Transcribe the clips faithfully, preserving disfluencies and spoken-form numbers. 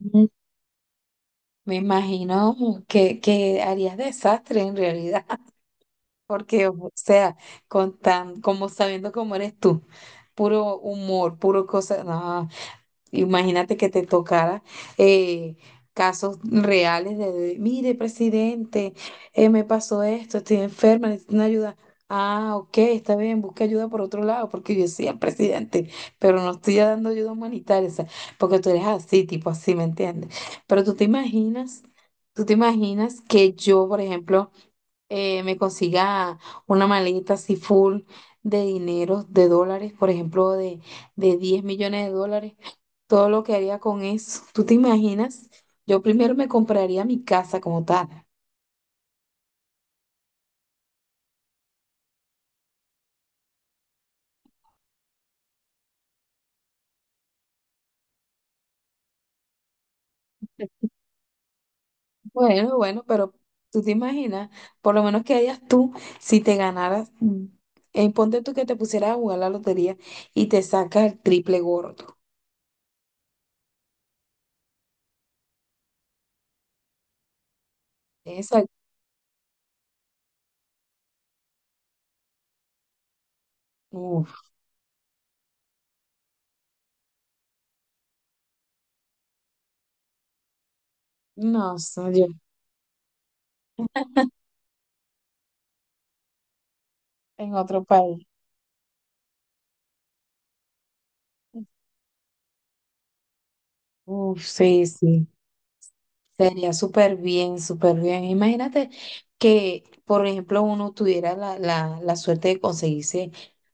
Mm. Me imagino que, que harías desastre en realidad, porque, o sea, con tan, como sabiendo cómo eres tú, puro humor, puro cosa, no. Imagínate que te tocara eh, casos reales de, de, mire, presidente, eh, me pasó esto, estoy enferma, necesito una ayuda. Ah, ok, está bien, busca ayuda por otro lado, porque yo soy presidente, pero no estoy dando ayuda humanitaria, o sea, porque tú eres así, tipo así, ¿me entiendes? Pero tú te imaginas, tú te imaginas que yo, por ejemplo, eh, me consiga una maleta así full de dinero, de dólares, por ejemplo, de, de diez millones de dólares todo lo que haría con eso. ¿Tú te imaginas? Yo primero me compraría mi casa como tal. Bueno, bueno, pero tú te imaginas, por lo menos que harías tú si te ganaras, mm, eh, ponte tú que te pusieras a jugar la lotería y te sacas el triple gordo. Esa, uf, no, soy yo en otro país. Uf, sí, sí. Sería súper bien, súper bien. Imagínate que, por ejemplo, uno tuviera la, la, la suerte de conseguirse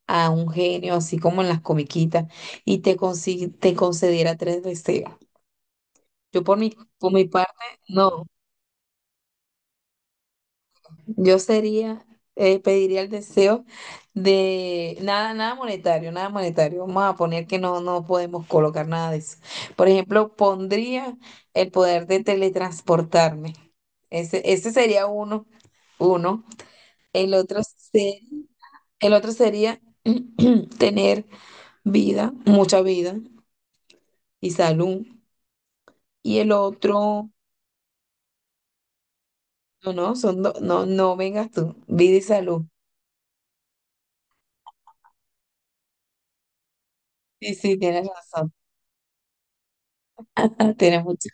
a un genio, así como en las comiquitas, y te, consi- te concediera tres deseos. Yo por mi, por mi parte, no. Yo sería, eh, pediría el deseo de nada, nada monetario, nada monetario. Vamos a poner que no, no podemos colocar nada de eso. Por ejemplo, pondría el poder de teletransportarme. Ese, ese sería uno, uno. El otro se- el otro sería tener vida, mucha vida y salud. Y el otro, no, no, son do- no, no vengas tú, vida y salud. Sí, sí, tienes razón. Tienes mucha.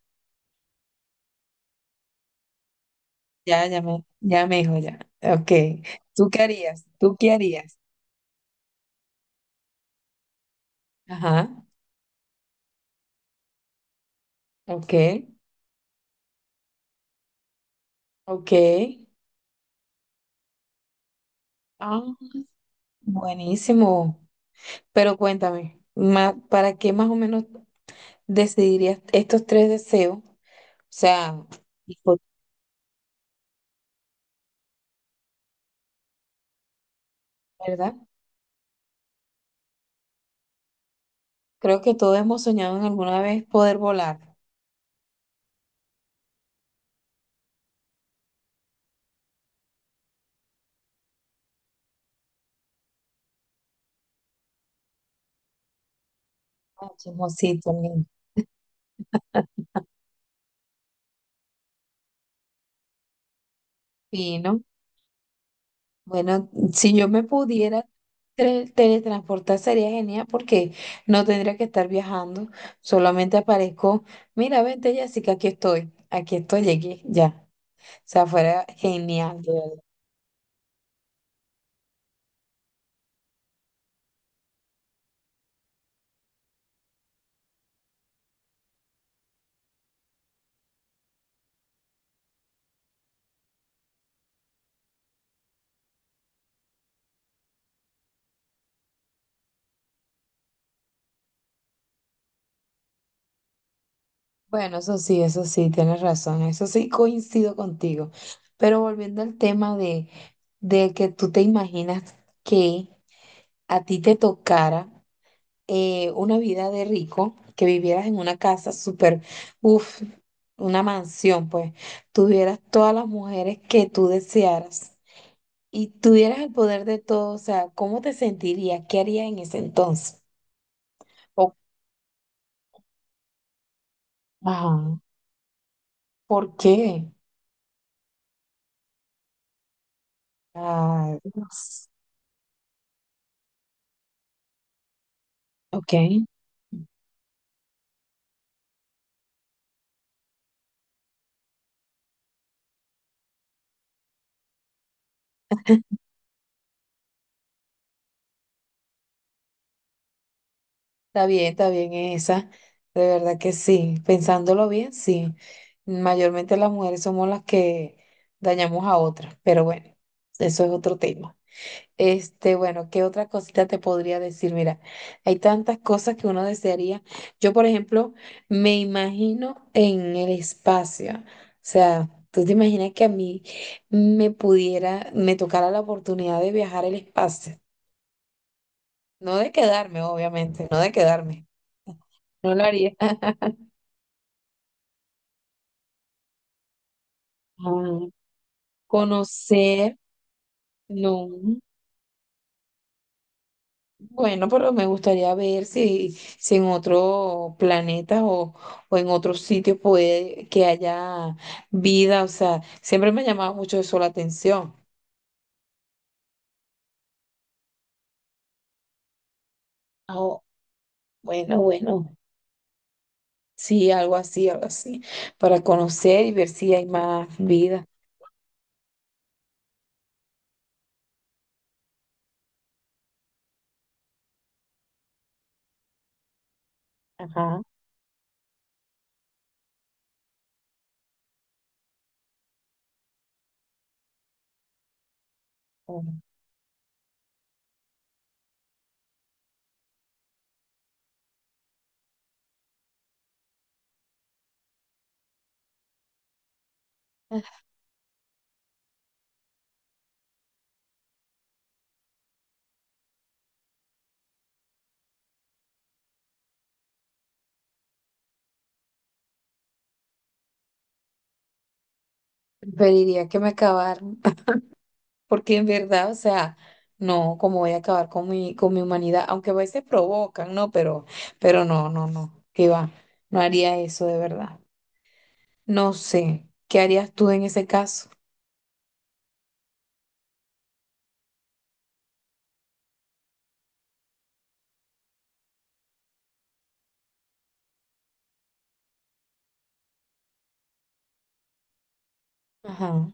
Ya, ya me, ya me dijo ya. Ok. ¿Tú qué harías? ¿Tú qué harías? Ajá. Ok. Ok. Ah, buenísimo. Pero cuéntame, ma- ¿para qué más o menos decidirías estos tres deseos? O sea, hipo- ¿verdad? Creo que todos hemos soñado en alguna vez poder volar. Ah, chismosito, lindo. Fino. Bueno, si yo me pudiera tre- teletransportar sería genial porque no tendría que estar viajando, solamente aparezco, mira, vente Jessica, aquí estoy, aquí estoy, llegué, ya. O sea, fuera genial, de verdad. Bueno, eso sí, eso sí, tienes razón, eso sí coincido contigo. Pero volviendo al tema de, de que tú te imaginas que a ti te tocara. Eh, una vida de rico, que vivieras en una casa súper, uff, una mansión, pues, tuvieras todas las mujeres que tú desearas y tuvieras el poder de todo, o sea, ¿cómo te sentirías? ¿Qué harías en ese entonces? O- ajá, ¿por qué? Ah, Dios. Ok, está bien, está bien esa. De verdad que sí, pensándolo bien, sí. Mayormente las mujeres somos las que dañamos a otras, pero bueno, eso es otro tema. Este, bueno, ¿qué otra cosita te podría decir? Mira, hay tantas cosas que uno desearía. Yo, por ejemplo, me imagino en el espacio. O sea, tú te imaginas que a mí me pudiera, me tocara la oportunidad de viajar al espacio. No de quedarme, obviamente, no de quedarme. No lo haría. Ah, conocer, no. Bueno, pero me gustaría ver si, si en otro planeta o, o en otros sitios puede que haya vida. O sea, siempre me ha llamado mucho eso la atención. Ah, oh, bueno, bueno, sí, algo así, algo así, para conocer y ver si hay más vida. Ajá. Bueno. Preferiría que me acabaran, porque en verdad, o sea, no, como voy a acabar con mi, con mi humanidad, aunque a veces provocan, ¿no? Pero, pero no, no, no, que va, no haría eso de verdad. No sé, ¿qué harías tú en ese caso? Ajá.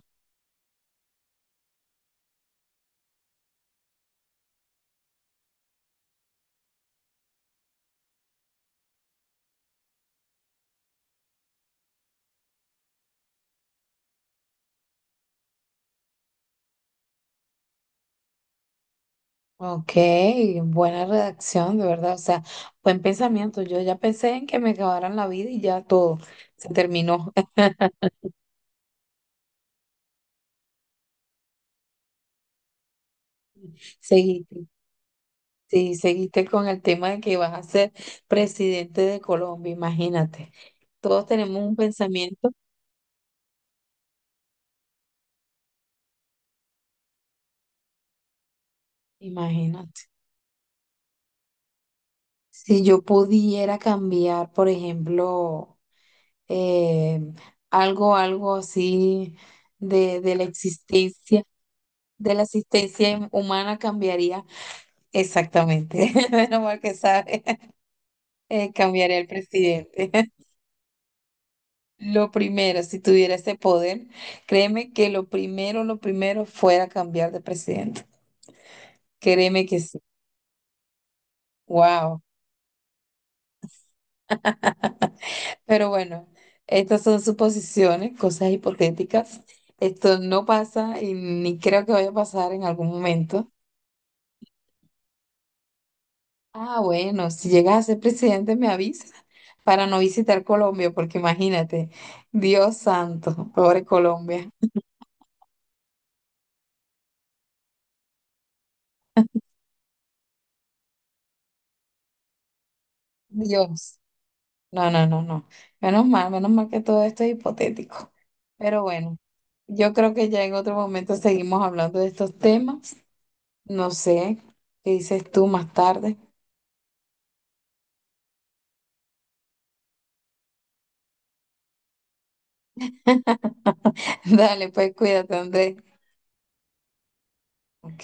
Ok, buena redacción, de verdad. O sea, buen pensamiento. Yo ya pensé en que me acabaran la vida y ya todo se terminó. Seguiste, sí, seguiste con el tema de que vas a ser presidente de Colombia, imagínate. Todos tenemos un pensamiento, imagínate. Si yo pudiera cambiar, por ejemplo, eh, algo, algo así de, de la existencia. De la asistencia humana cambiaría exactamente. Menos mal que sabe, eh, cambiaría el presidente. Lo primero, si tuviera ese poder, créeme que lo primero, lo primero fuera cambiar de presidente. Créeme que sí. Wow. Pero bueno, estas son suposiciones, cosas hipotéticas. Esto no pasa y ni creo que vaya a pasar en algún momento. Ah, bueno, si llegas a ser presidente me avisas para no visitar Colombia, porque imagínate, Dios santo, pobre Colombia, Dios. No, no, no, no. Menos mal, menos mal que todo esto es hipotético. Pero bueno, yo creo que ya en otro momento seguimos hablando de estos temas. No sé, ¿qué dices tú más tarde? Dale, pues cuídate, Andrés. Ok.